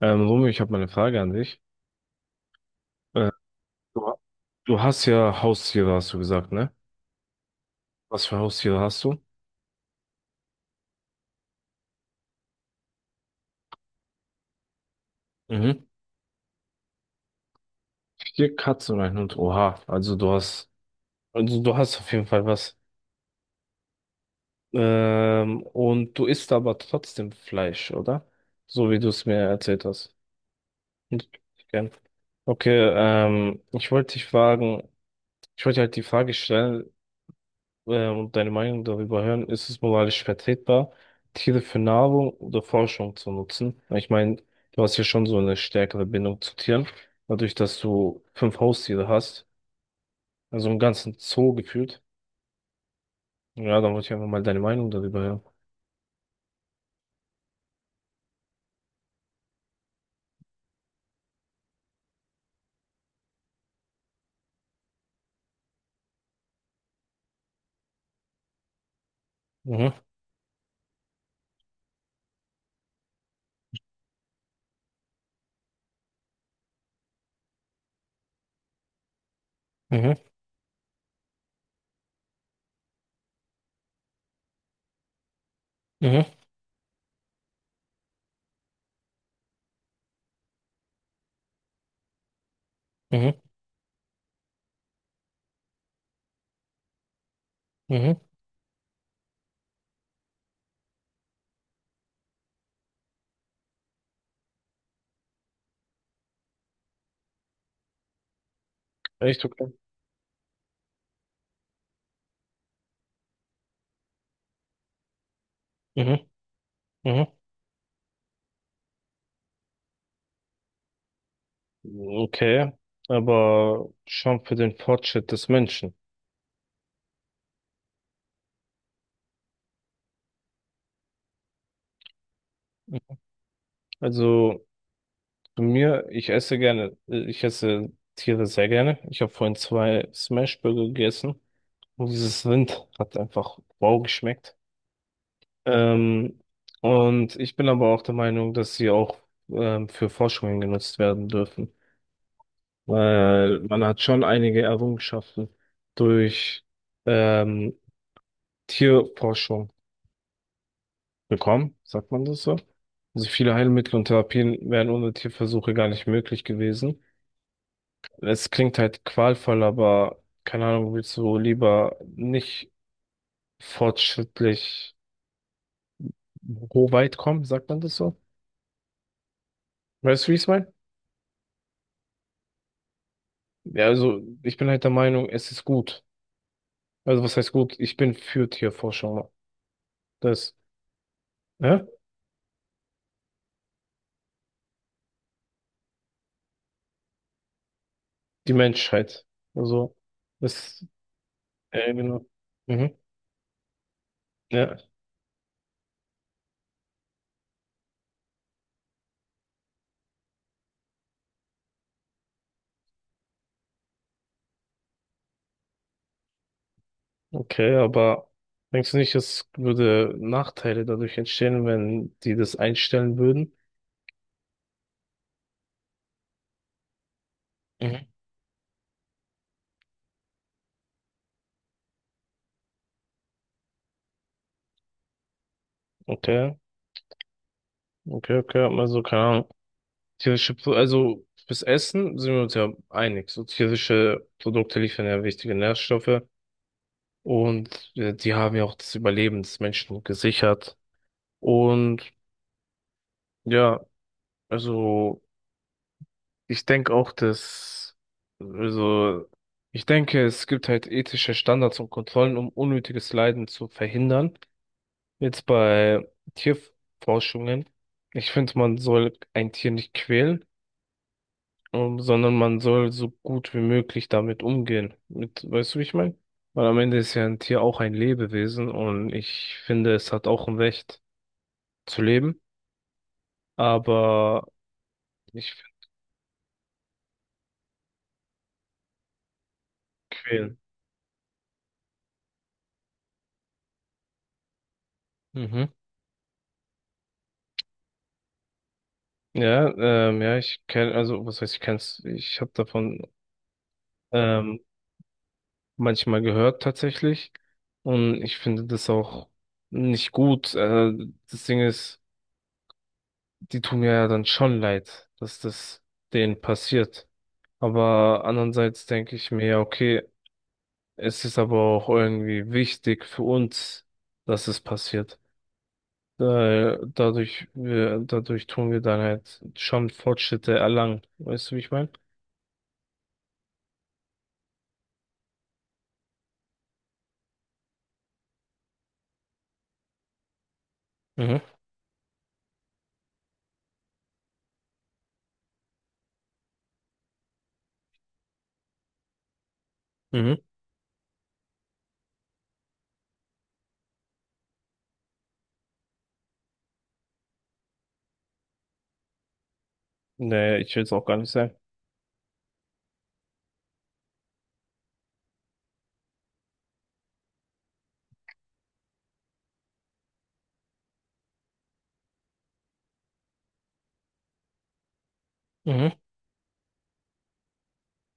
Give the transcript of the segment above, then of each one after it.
Romeo, ich habe mal eine Frage an dich. Äh, du, du hast ja Haustiere, hast du gesagt, ne? Was für Haustiere hast du? Mhm. Vier Katzen und ein Hund. Oha, also du hast auf jeden Fall was. Und du isst aber trotzdem Fleisch, oder? So wie du es mir erzählt hast. Und- Gern. Okay, ich wollte halt die Frage stellen, und deine Meinung darüber hören. Ist es moralisch vertretbar, Tiere für Nahrung oder Forschung zu nutzen? Ich meine, du hast ja schon so eine stärkere Bindung zu Tieren, dadurch, dass du fünf Haustiere hast, also einen ganzen Zoo gefühlt. Ja, dann wollte ich einfach mal deine Meinung darüber hören. Mhm, mhm, mhm, mhm, mhm. Echt okay. Mhm, mhm. Okay, aber schon für den Fortschritt des Menschen. Also Zu mir, ich esse Tiere sehr gerne. Ich habe vorhin zwei Smashburger gegessen und dieses Rind hat einfach wow geschmeckt. Ähm, und ich bin aber auch der Meinung, dass sie auch für Forschungen genutzt werden dürfen, weil man hat schon einige Errungenschaften durch ähm, Tierforschung bekommen, sagt man das so? Also viele Heilmittel und Therapien wären ohne Tierversuche gar nicht möglich gewesen. Es klingt halt qualvoll, aber keine Ahnung, willst du lieber nicht fortschrittlich weit kommen, sagt man das so? Weißt du, wie ich es meine? Ja, also ich bin halt der Meinung, es ist gut. Also was heißt gut? Ich bin für Tierforschung. Das, ne? Die Menschheit. Also, das, genau. Mhm. Ja, okay, aber denkst du nicht, es würde Nachteile dadurch entstehen, wenn die das einstellen würden? Mhm. Okay, okay, okay, also keine Ahnung. Also fürs Essen sind wir uns ja einig. So tierische Produkte liefern ja wichtige Nährstoffe und die haben ja auch das Überleben des Menschen gesichert. Und ja, also ich denke auch, dass, also ich denke, es gibt halt ethische Standards und Kontrollen, um unnötiges Leiden zu verhindern. Jetzt bei Tierforschungen. Ich finde, man soll ein Tier nicht quälen. Sondern man soll so gut wie möglich damit umgehen. Mit, weißt du, wie ich meine? Weil am Ende ist ja ein Tier auch ein Lebewesen und ich finde, es hat auch ein Recht zu leben, aber nicht für quälen. Mhm. Ja, ich kenne, also was heißt, ich kenn's, ich habe davon ähm, manchmal gehört tatsächlich und ich finde das auch nicht gut. Das Ding ist, die tun mir ja dann schon leid, dass das denen passiert. Aber andererseits denke ich mir, ja, okay, es ist aber auch irgendwie wichtig für uns, dass es passiert. Weil dadurch tun wir dann halt schon Fortschritte erlangen. Weißt du, wie ich meine? Mhm. Mhm. Nee, ich will es auch gar nicht sagen. Mhm.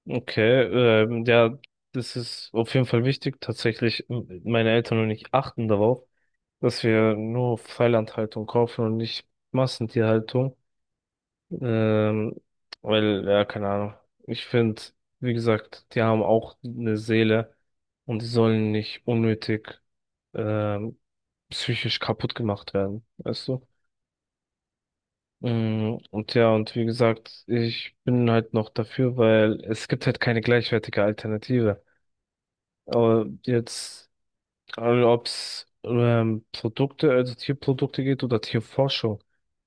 Okay, ja, das ist auf jeden Fall wichtig. Tatsächlich, meine Eltern und ich achten darauf, dass wir nur Freilandhaltung kaufen und nicht Massentierhaltung. Ähm, Weil, ja, keine Ahnung. Ich finde, wie gesagt, die haben auch eine Seele und die sollen nicht unnötig ähm, psychisch kaputt gemacht werden, weißt du? Mm, und ja, und wie gesagt, ich bin halt noch dafür, weil es gibt halt keine gleichwertige Alternative. Aber jetzt, also ob es also Tierprodukte geht oder Tierforschung.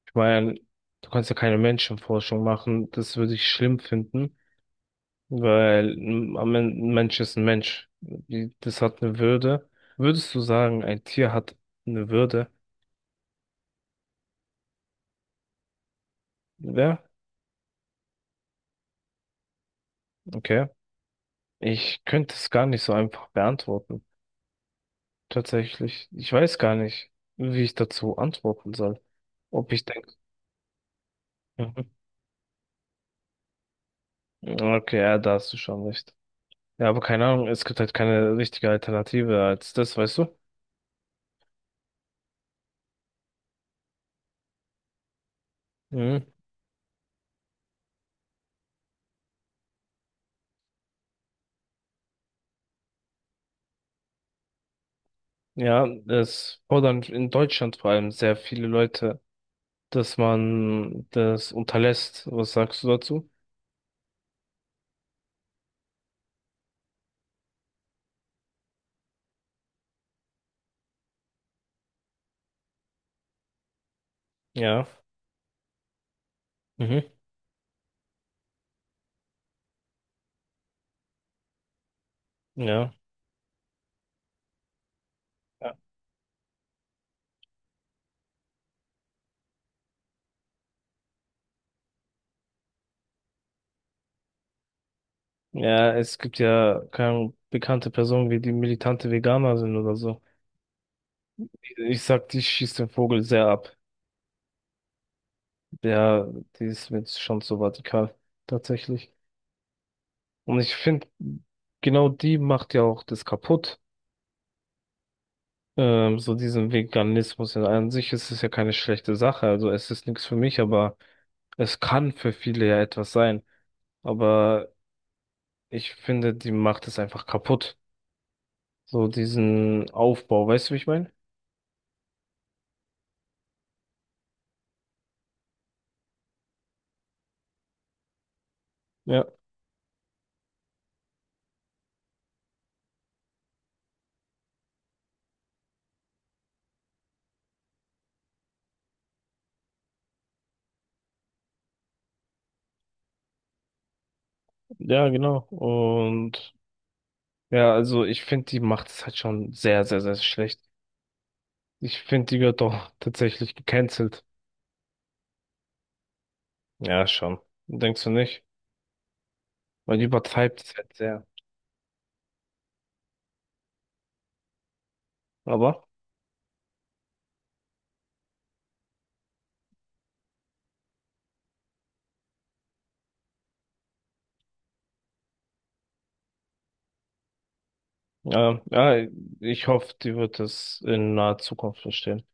Ich meine, du kannst ja keine Menschenforschung machen, das würde ich schlimm finden. Am Ende ein Mensch ist ein Mensch. Das hat eine Würde. Würdest du sagen, ein Tier hat eine Würde? Ja, okay. Ich könnte es gar nicht so einfach beantworten. Tatsächlich. Ich weiß gar nicht, wie ich dazu antworten soll. Ob ich denke. Mhm. Okay, ja, da hast du schon recht. Ja, aber keine Ahnung, es gibt halt keine richtige Alternative als das, weißt du? Mhm. Ja, es fordern in Deutschland vor allem sehr viele Leute, dass man das unterlässt. Was sagst du dazu? Ja. Mhm. Ja. Ja, ja, es gibt ja keine bekannte Personen, wie die militante Veganer sind oder so. Ich sag, die schießt den Vogel sehr ab. Ja, die ist mir jetzt schon so radikal, tatsächlich. Und ich finde, genau die macht ja auch das kaputt. So diesen Veganismus. In an sich ist es ja keine schlechte Sache. Also es ist nichts für mich, aber es kann für viele ja etwas sein. Aber ich finde, die macht es einfach kaputt. So diesen Aufbau, weißt du, wie ich meine? Ja, ja, genau. Und ja, also ich finde, die macht es halt schon sehr, sehr, sehr schlecht. Ich finde, die wird doch tatsächlich gecancelt. Ja, schon. Denkst du nicht? Weil die übertreibt es halt sehr. Aber, ja, ich hoffe, die wird es in naher Zukunft verstehen.